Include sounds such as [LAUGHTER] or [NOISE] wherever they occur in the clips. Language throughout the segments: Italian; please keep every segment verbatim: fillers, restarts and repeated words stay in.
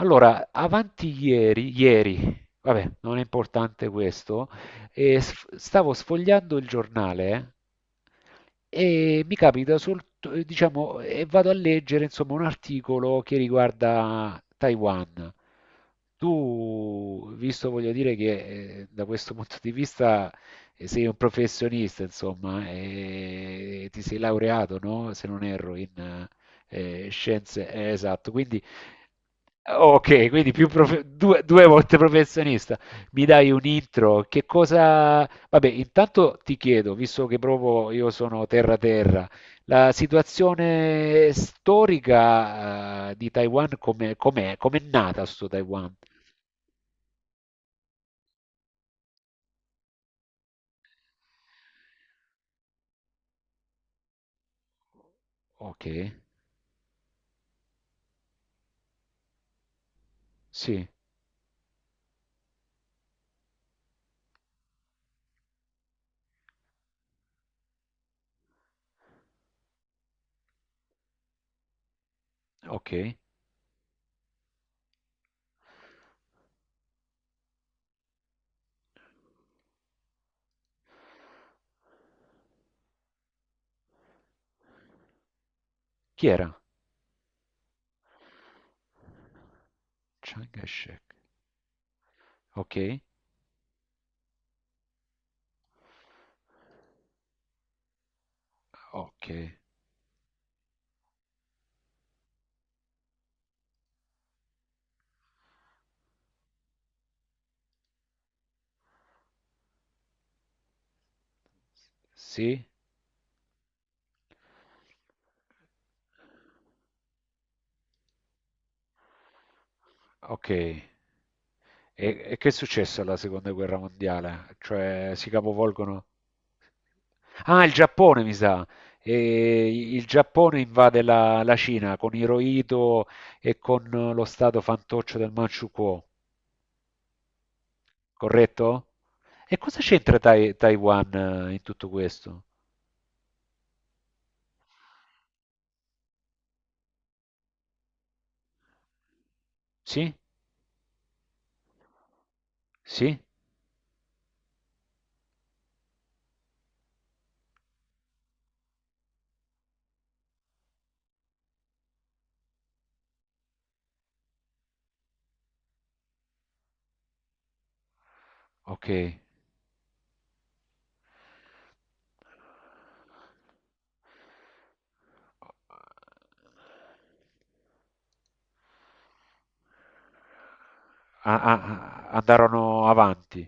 Allora, avanti ieri, ieri, vabbè, non è importante questo, eh, sf- stavo sfogliando il giornale eh, e mi capita sol- diciamo, e vado a leggere, insomma, un articolo che riguarda Taiwan. Tu, visto, voglio dire che eh, da questo punto di vista eh, sei un professionista, insomma, e ti sei laureato, no? Se non erro, in eh, scienze, eh, esatto, quindi... Ok, quindi più prof- due, due volte professionista. Mi dai un intro? Che cosa... Vabbè, intanto ti chiedo, visto che proprio io sono terra terra, la situazione storica, eh, di Taiwan come com'è? Com'è nata sto Taiwan? Ok, sì, ok. Chi era? Chiang Kai-shek. Ok, ok. Sì, ok. E, e che è successo alla seconda guerra mondiale? Cioè, si capovolgono. Ah, il Giappone, mi sa. E il Giappone invade la, la Cina con Hirohito e con lo stato fantoccio del Manchukuo, corretto? E cosa c'entra Tai- Taiwan eh, in tutto questo? Sì? Sì? Ok. Ah, ah, ah, andarono avanti.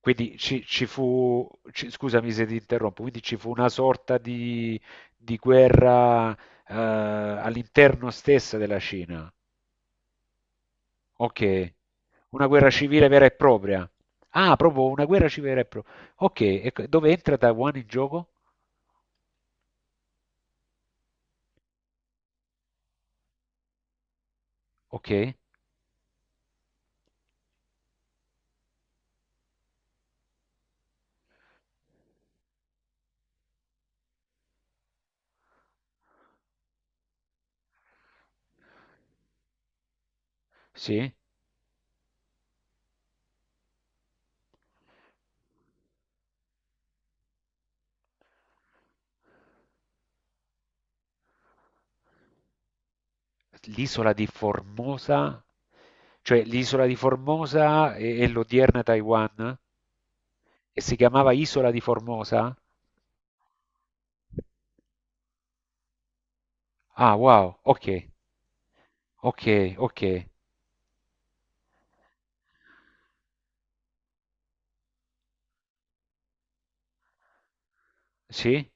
Quindi ci, ci fu, ci- scusami se ti interrompo, quindi ci fu una sorta di, di guerra eh, all'interno stessa della Cina. Okay. Una guerra civile vera e propria. Ah, proprio una guerra civile vera e propria. Okay, e c dove entra Taiwan in gioco? Okay, sì. L'isola di Formosa, cioè l'isola di Formosa è è l'odierna Taiwan? E si chiamava Isola di Formosa? Ah, wow, okay, okay, okay. Sì?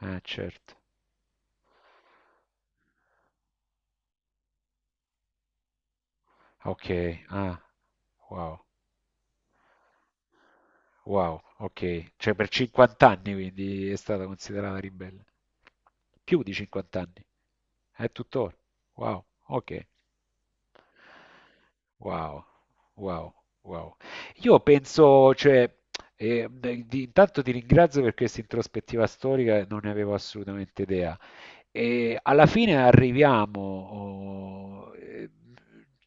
Ah, certo. Okay, ah, wow. Wow, ok. Cioè per cinquanta anni quindi è stata considerata ribelle. Più di cinquanta anni. È tuttora. Wow, ok. Wow, wow, wow. Io penso, cioè, eh, beh, di- intanto ti ringrazio per questa introspettiva storica, non ne avevo assolutamente idea. E alla fine arriviamo, oh, eh,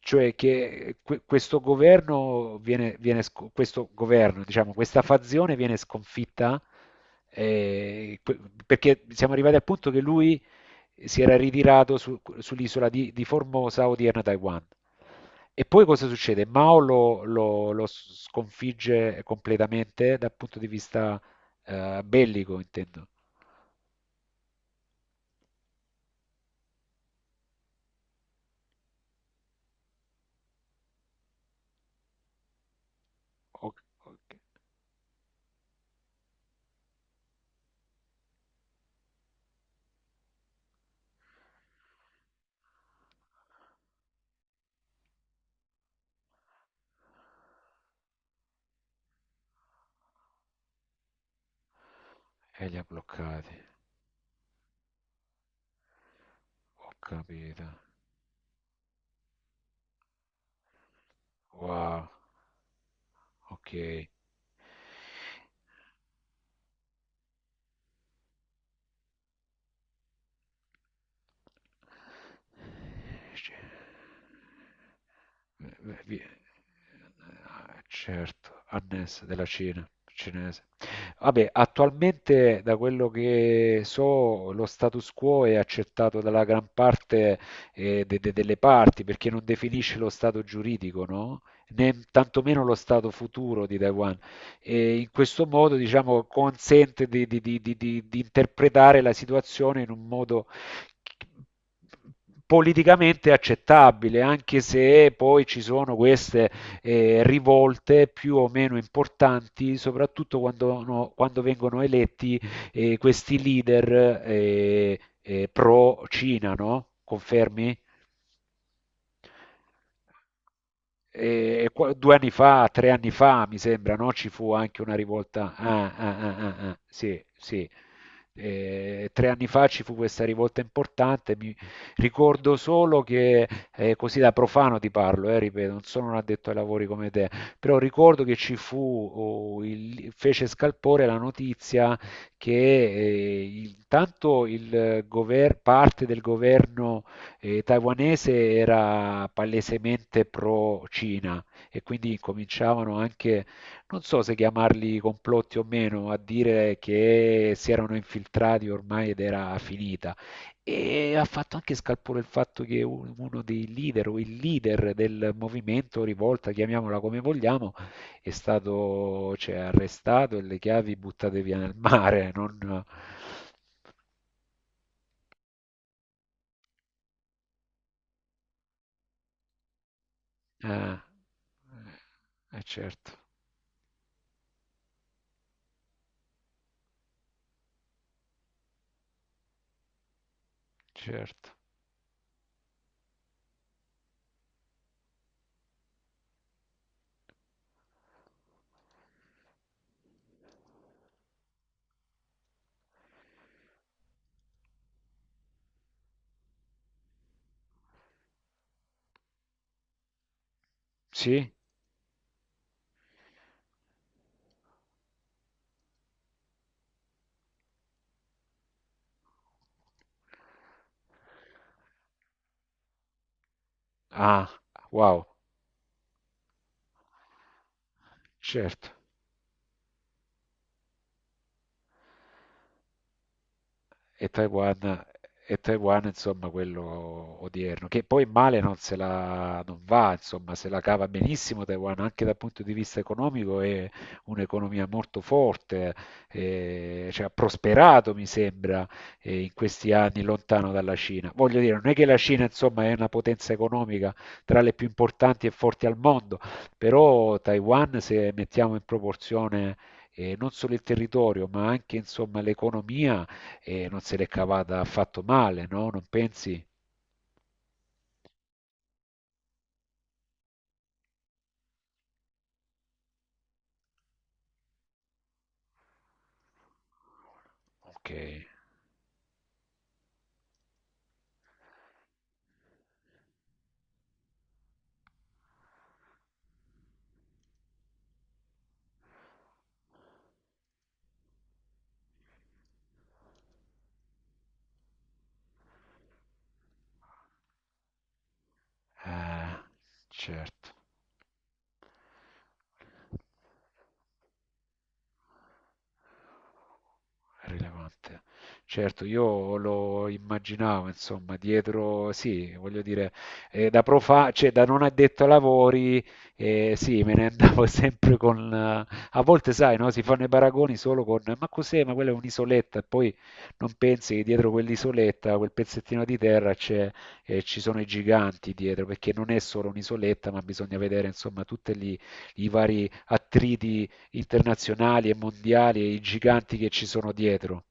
cioè che que- questo governo viene, viene sco- questo governo, diciamo, questa fazione viene sconfitta eh, que- perché siamo arrivati al punto che lui si era ritirato su- sull'isola di, di Formosa, odierna Taiwan. E poi cosa succede? Mao lo, lo- lo sconfigge completamente dal punto di vista eh, bellico, intendo. Ok, ok. E li ha bloccati, ho capito. Wow, ok. Cioè, Eh, eh, vi- eh, certo, Annes della Cina, cinese. Vabbè, attualmente da quello che so, lo status quo è accettato dalla gran parte eh, de- de- delle parti perché non definisce lo stato giuridico, no? Né tantomeno lo stato futuro di Taiwan. E in questo modo, diciamo, consente di, di- di- di- di- di interpretare la situazione in un modo politicamente accettabile, anche se poi ci sono queste eh, rivolte più o meno importanti, soprattutto quando, no- quando vengono eletti eh, questi leader eh, eh, pro-Cina, no? Confermi? E, e qua- due anni fa, tre anni fa, mi sembra, no? Ci fu anche una rivolta. Ah, ah, ah, ah, ah, sì, sì. Eh, tre anni fa ci fu questa rivolta importante. Mi ricordo solo che, eh, così da profano ti parlo, eh, ripeto, non sono un addetto ai lavori come te, però ricordo che ci fu, oh, il- fece scalpore la notizia che eh, il- tanto il gover- parte del governo e taiwanese era palesemente pro-Cina e quindi cominciavano anche, non so se chiamarli complotti o meno, a dire che si erano infiltrati ormai ed era finita. E ha fatto anche scalpore il fatto che un- uno dei leader o il leader del movimento rivolta, chiamiamola come vogliamo, è stato, cioè, arrestato e le chiavi buttate via nel mare. Non, eh, eh, certo. Certo. Sì? Ah, wow, certo. e Taiwan, e Taiwan, insomma, quello odierno, che poi male non se la non va, insomma, se la cava benissimo Taiwan, anche dal punto di vista economico è un'economia molto forte, eh, cioè, ha prosperato, mi sembra, eh, in questi anni lontano dalla Cina. Voglio dire, non è che la Cina, insomma, è una potenza economica tra le più importanti e forti al mondo, però Taiwan, se mettiamo in proporzione eh, non solo il territorio, ma anche insomma l'economia, e non se l'è cavata affatto male, no? Non pensi? Ok, eh, certo. Rilevante. Certo, io lo immaginavo, insomma, dietro, sì, voglio dire, eh, da profa, cioè da non addetto ai lavori, eh, sì, me ne andavo [LAUGHS] sempre con... eh, a volte, sai, no, si fanno i paragoni solo con, ma cos'è, ma quella è un'isoletta, e poi non pensi che dietro quell'isoletta, quel pezzettino di terra, c'è e ci sono i giganti dietro, perché non è solo un'isoletta, ma bisogna vedere insomma tutti gli- i vari attriti internazionali e mondiali e i giganti che ci sono dietro.